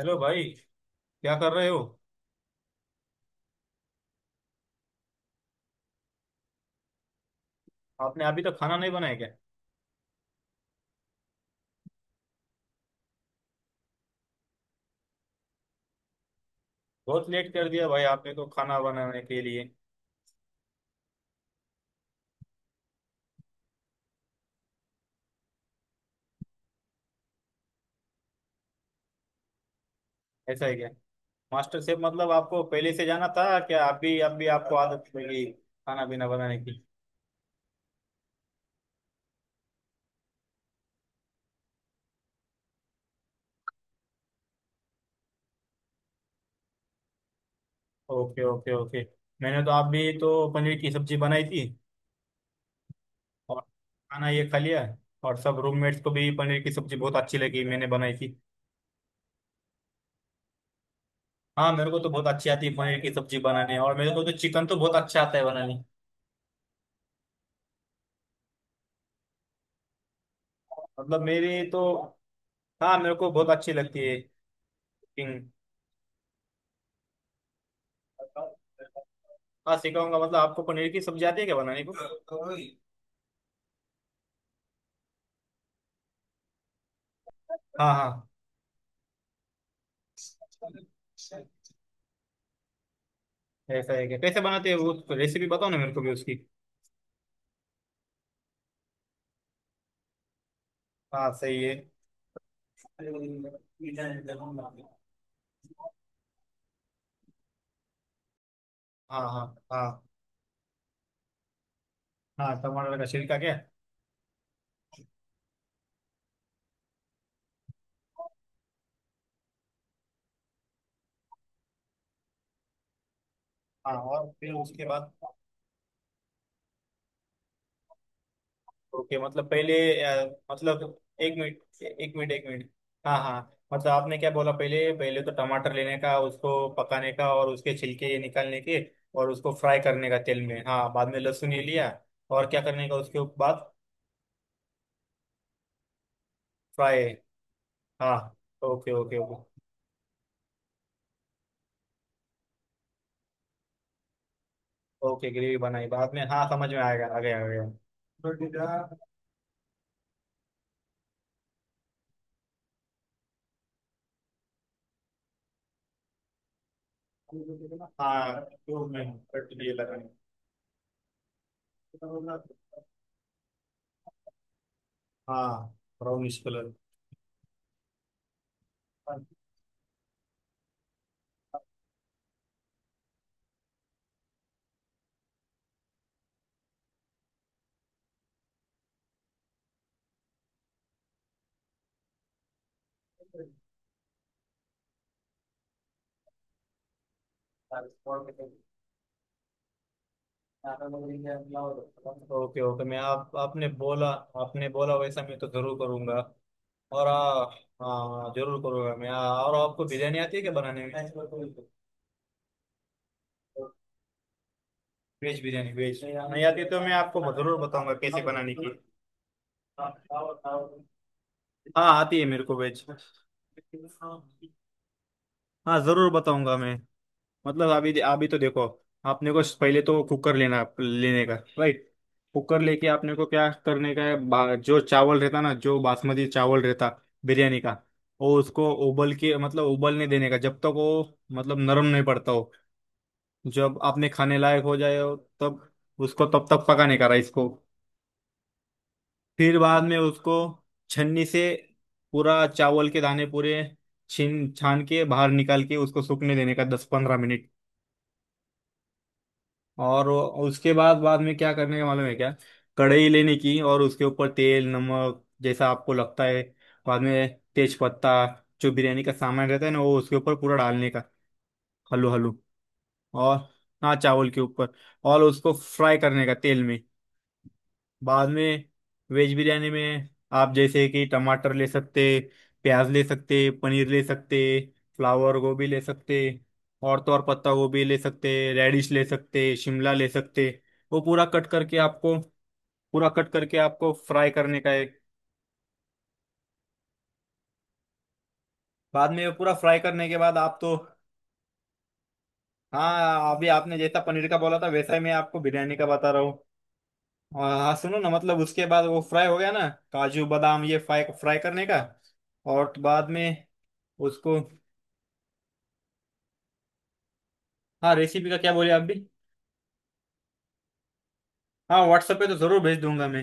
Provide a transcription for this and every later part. Hello भाई। क्या कर रहे हो? आपने अभी तक खाना नहीं बनाया क्या? बहुत लेट कर दिया भाई आपने तो खाना बनाने के लिए। ऐसा है क्या? Master chef? मतलब आपको पहले से जाना था क्या? अभी अभी आपको आदत लगी खाना पीना बनाने की? Okay, okay, okay. मैंने तो अभी तो पनीर की सब्जी बनाई थी। और खाना ये खा लिया। और सब रूममेट्स को भी पनीर की सब्जी बहुत अच्छी लगी, मैंने बनाई थी। हाँ, मेरे को तो बहुत अच्छी आती है पनीर की सब्जी बनाने। और मेरे को तो चिकन तो बहुत अच्छा आता है बनाने। मतलब मेरी तो। हाँ, मेरे को बहुत अच्छी लगती है। किंग। हाँ, सिखाऊंगा। मतलब आपको पनीर की सब्जी आती है क्या बनाने को? हाँ, हाँ। ऐसा है क्या? कैसे बनाते हैं वो? रेसिपी बताओ ना मेरे को भी उसकी। हाँ, सही है। हाँ, हाँ, हाँ। हाँ, टमाटर का छिलका क्या? हाँ, और फिर उसके बाद? ओके, मतलब पहले। अ, मतलब एक मिनट, एक मिनट, एक मिनट। हाँ, हाँ। मतलब आपने क्या बोला? पहले पहले तो टमाटर लेने का, उसको पकाने का और उसके छिलके निकालने के। और उसको फ्राई करने का तेल में, हाँ, बाद में लहसुन ये लिया। और क्या करने का उसके बाद? फ्राई। हाँ। Okay, okay, okay. Okay, gravy बनाई बाद में, हाँ समझ में आएगा, आ गया, आ गया। हाँ, तो मैं। कट ये लगाने। हाँ। Brownish colour. ओके, ओके, मैं आप आपने बोला। आपने बोला वैसा मैं तो जरूर करूंगा। और हाँ, जरूर करूंगा मैं। और आपको बिरयानी आती है क्या बनाने में? वेज बिरयानी। वेज नहीं आती तो मैं आपको जरूर बताऊंगा कैसे बनाने की। हाँ, आती है मेरे को वेज। हाँ, जरूर बताऊंगा मैं। मतलब अभी अभी तो देखो। आपने को पहले तो कुकर लेना लेने का, राइट? कुकर लेके आपने को क्या करने का है, जो चावल रहता ना, जो बासमती चावल रहता। बिरयानी का। वो उसको उबल के मतलब उबलने देने का जब तक वो मतलब नरम नहीं पड़ता हो। जब आपने खाने लायक हो जाए हो। तब। उसको तब तक पकाने का राइस को। फिर बाद में उसको। छन्नी से। पूरा चावल के दाने पूरे। छीन छान के बाहर निकाल के उसको सूखने देने का 10-15 मिनट। उसके बाद बाद में क्या करने का मालूम है क्या? कढ़ाई लेने की और उसके ऊपर तेल नमक जैसा आपको लगता है। बाद में तेज पत्ता। जो बिरयानी का सामान रहता है ना, वो उसके ऊपर पूरा डालने का। Hello hello. और। हाँ, चावल के ऊपर। और उसको फ्राई करने का तेल में। बाद में। वेज बिरयानी में। आप जैसे कि टमाटर ले सकते। प्याज ले सकते, पनीर ले सकते। फ्लावर गोभी ले सकते। और तो और पत्ता गोभी ले सकते, रेडिश ले सकते, शिमला ले सकते। वो पूरा कट करके आपको। पूरा कट करके आपको फ्राई करने का है। बाद में वो पूरा फ्राई करने के बाद आप तो। हाँ, अभी आपने जैसा पनीर का बोला था वैसा ही मैं आपको बिरयानी का बता रहा हूँ। हाँ, हाँ, सुनो ना, मतलब उसके बाद वो फ्राई हो गया ना, काजू बादाम ये फ्राई फ्राई करने का। और बाद में। उसको। हाँ, रेसिपी का क्या बोले आप भी? हाँ, व्हाट्सएप पे तो जरूर भेज दूंगा मैं।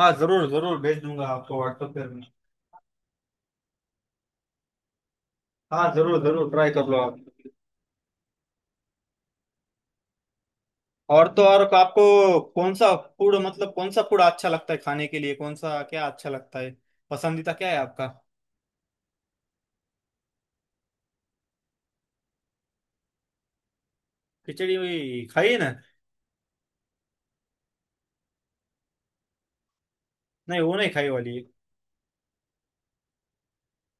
हाँ, जरूर जरूर भेज दूंगा आपको व्हाट्सएप पे मैं। हाँ, जरूर जरूर ट्राई कर लो आप। और तो और आपको कौन सा फूड, मतलब कौन सा फूड अच्छा लगता है खाने के लिए, कौन सा क्या अच्छा लगता है? पसंदीदा क्या है आपका? खिचड़ी वही खाई है ना? नहीं, वो नहीं खाई वाली।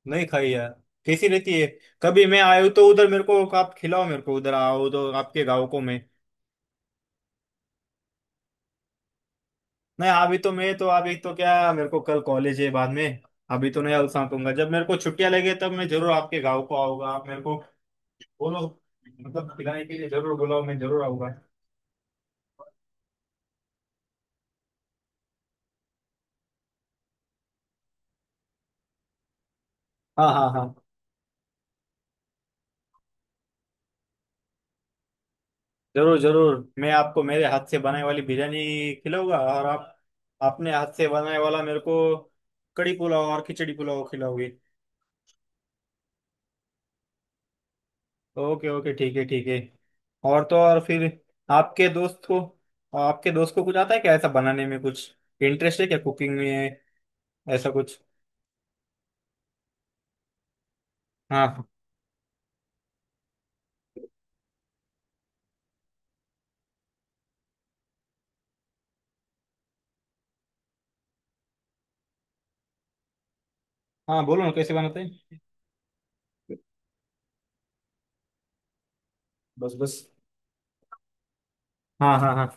नहीं खाई है। कैसी रहती है? कभी मैं आयो तो उधर मेरे को आप खिलाओ, मेरे को उधर आओ तो आपके गाँव को मैं। नहीं अभी तो मैं तो अभी तो क्या, मेरे को कल कॉलेज है बाद में। अभी तो नहीं, अलसा कहूंगा जब मेरे को छुट्टियां लगे तब मैं जरूर आपके गाँव को आऊंगा, आप मेरे को। बोलो। मतलब खिलाने के लिए जरूर बुलाओ, मैं जरूर आऊंगा। हाँ, हाँ, हाँ। जरूर जरूर मैं आपको मेरे हाथ से बनाई वाली बिरयानी खिलाऊंगा, और आप। अपने हाथ से बनाने वाला मेरे को। कड़ी पुलाव और खिचड़ी पुलाव खिलाओगे। ओके, ओके, ठीक है, ठीक है। और तो और फिर। आपके दोस्त को। आपके दोस्त को कुछ आता है क्या ऐसा बनाने में कुछ? इंटरेस्ट है क्या कुकिंग में? ऐसा कुछ। हाँ, हाँ, बोलो ना कैसे बनाते हैं? हाँ, हाँ, हाँ।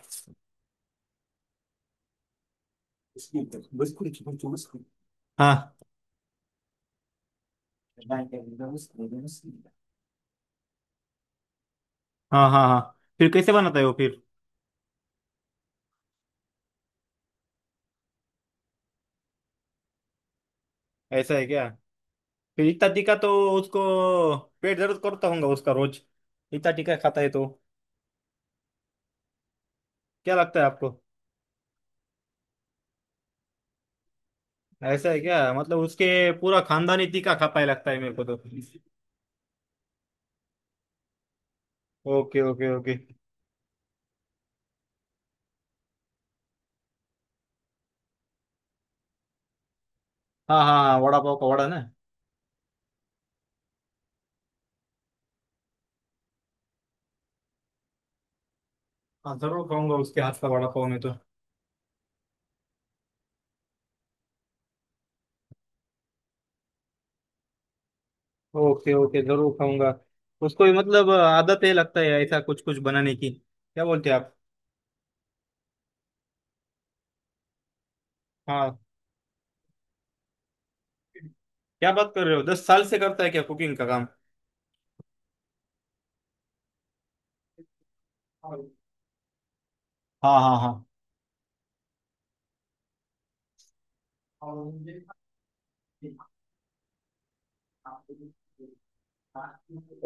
हाँ, हाँ, हाँ, हाँ। फिर कैसे बनाता है वो फिर? ऐसा है क्या? फिर इतना तीखा तो। उसको। पेट दर्द करता होगा उसका रोज। इतना तीखा खाता है तो। क्या लगता है आपको? ऐसा है क्या, मतलब उसके। पूरा खानदान ही तीखा खा पाए, लगता है मेरे को तो। Okay, okay, okay. हाँ, हाँ, हाँ, वड़ा पाव का वड़ा ना? हाँ, जरूर खाऊंगा उसके हाथ का वड़ा पाव में तो। ओके, ओके, जरूर खाऊंगा। उसको भी मतलब आदत है लगता है ऐसा कुछ कुछ बनाने की, क्या बोलते हैं आप? हाँ। क्या बात कर रहे हो, 10 साल से करता है क्या कुकिंग का काम? हाँ, हाँ, हाँ।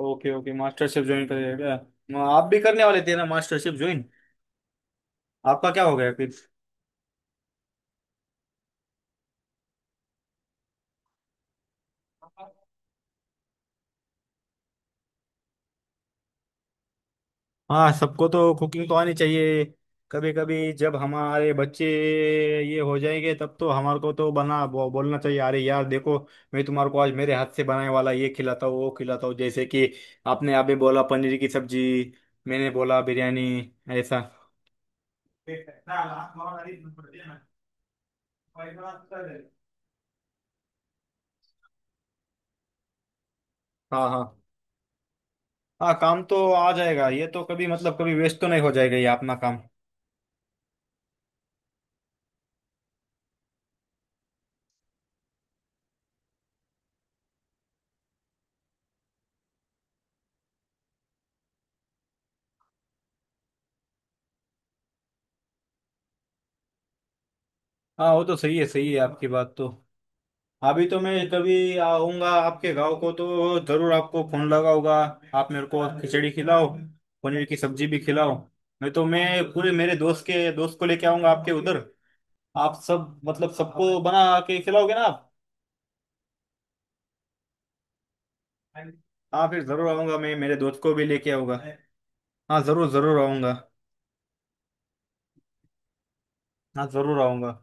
Okay, okay, MasterChef join करेगा क्या? आप भी करने वाले थे ना मास्टर शेफ ज्वाइन? आपका क्या हो गया? फिर। हाँ, सबको तो कुकिंग तो आनी चाहिए। कभी कभी जब हमारे बच्चे। ये हो जाएंगे तब तो हमारे को तो बोलना चाहिए, अरे यार देखो। मैं तुम्हारे को आज मेरे हाथ से बनाने वाला ये खिलाता हूँ, वो खिलाता हूँ, जैसे कि। आपने अभी बोला पनीर की सब्जी। मैंने बोला बिरयानी। ऐसा। हाँ। हाँ, हाँ, काम तो आ जाएगा ये तो, कभी मतलब कभी वेस्ट तो नहीं हो जाएगा ये अपना काम। हाँ, वो तो सही है, सही है आपकी बात तो। अभी तो मैं कभी आऊंगा आपके गांव को तो जरूर आपको फोन लगाऊंगा। आप मेरे को खिचड़ी खिलाओ। पनीर की सब्जी भी खिलाओ। नहीं तो मैं पूरे मेरे दोस्त के दोस्त को लेके आऊंगा आपके उधर। आप सब मतलब सबको बना के खिलाओगे ना आप? हाँ, फिर जरूर आऊंगा मैं, मेरे दोस्त को भी लेके आऊंगा। हाँ, जरूर जरूर आऊंगा। हाँ, जरूर आऊंगा।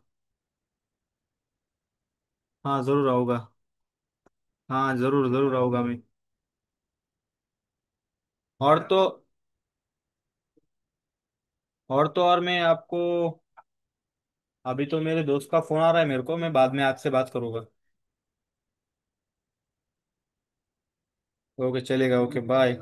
हाँ, जरूर आऊंगा। हाँ, जरूर जरूर आऊंगा मैं। और तो। और तो और मैं आपको। अभी तो मेरे दोस्त का फोन आ रहा है मेरे को, मैं बाद में आपसे बात करूंगा। ओके, चलेगा, ओके, बाय।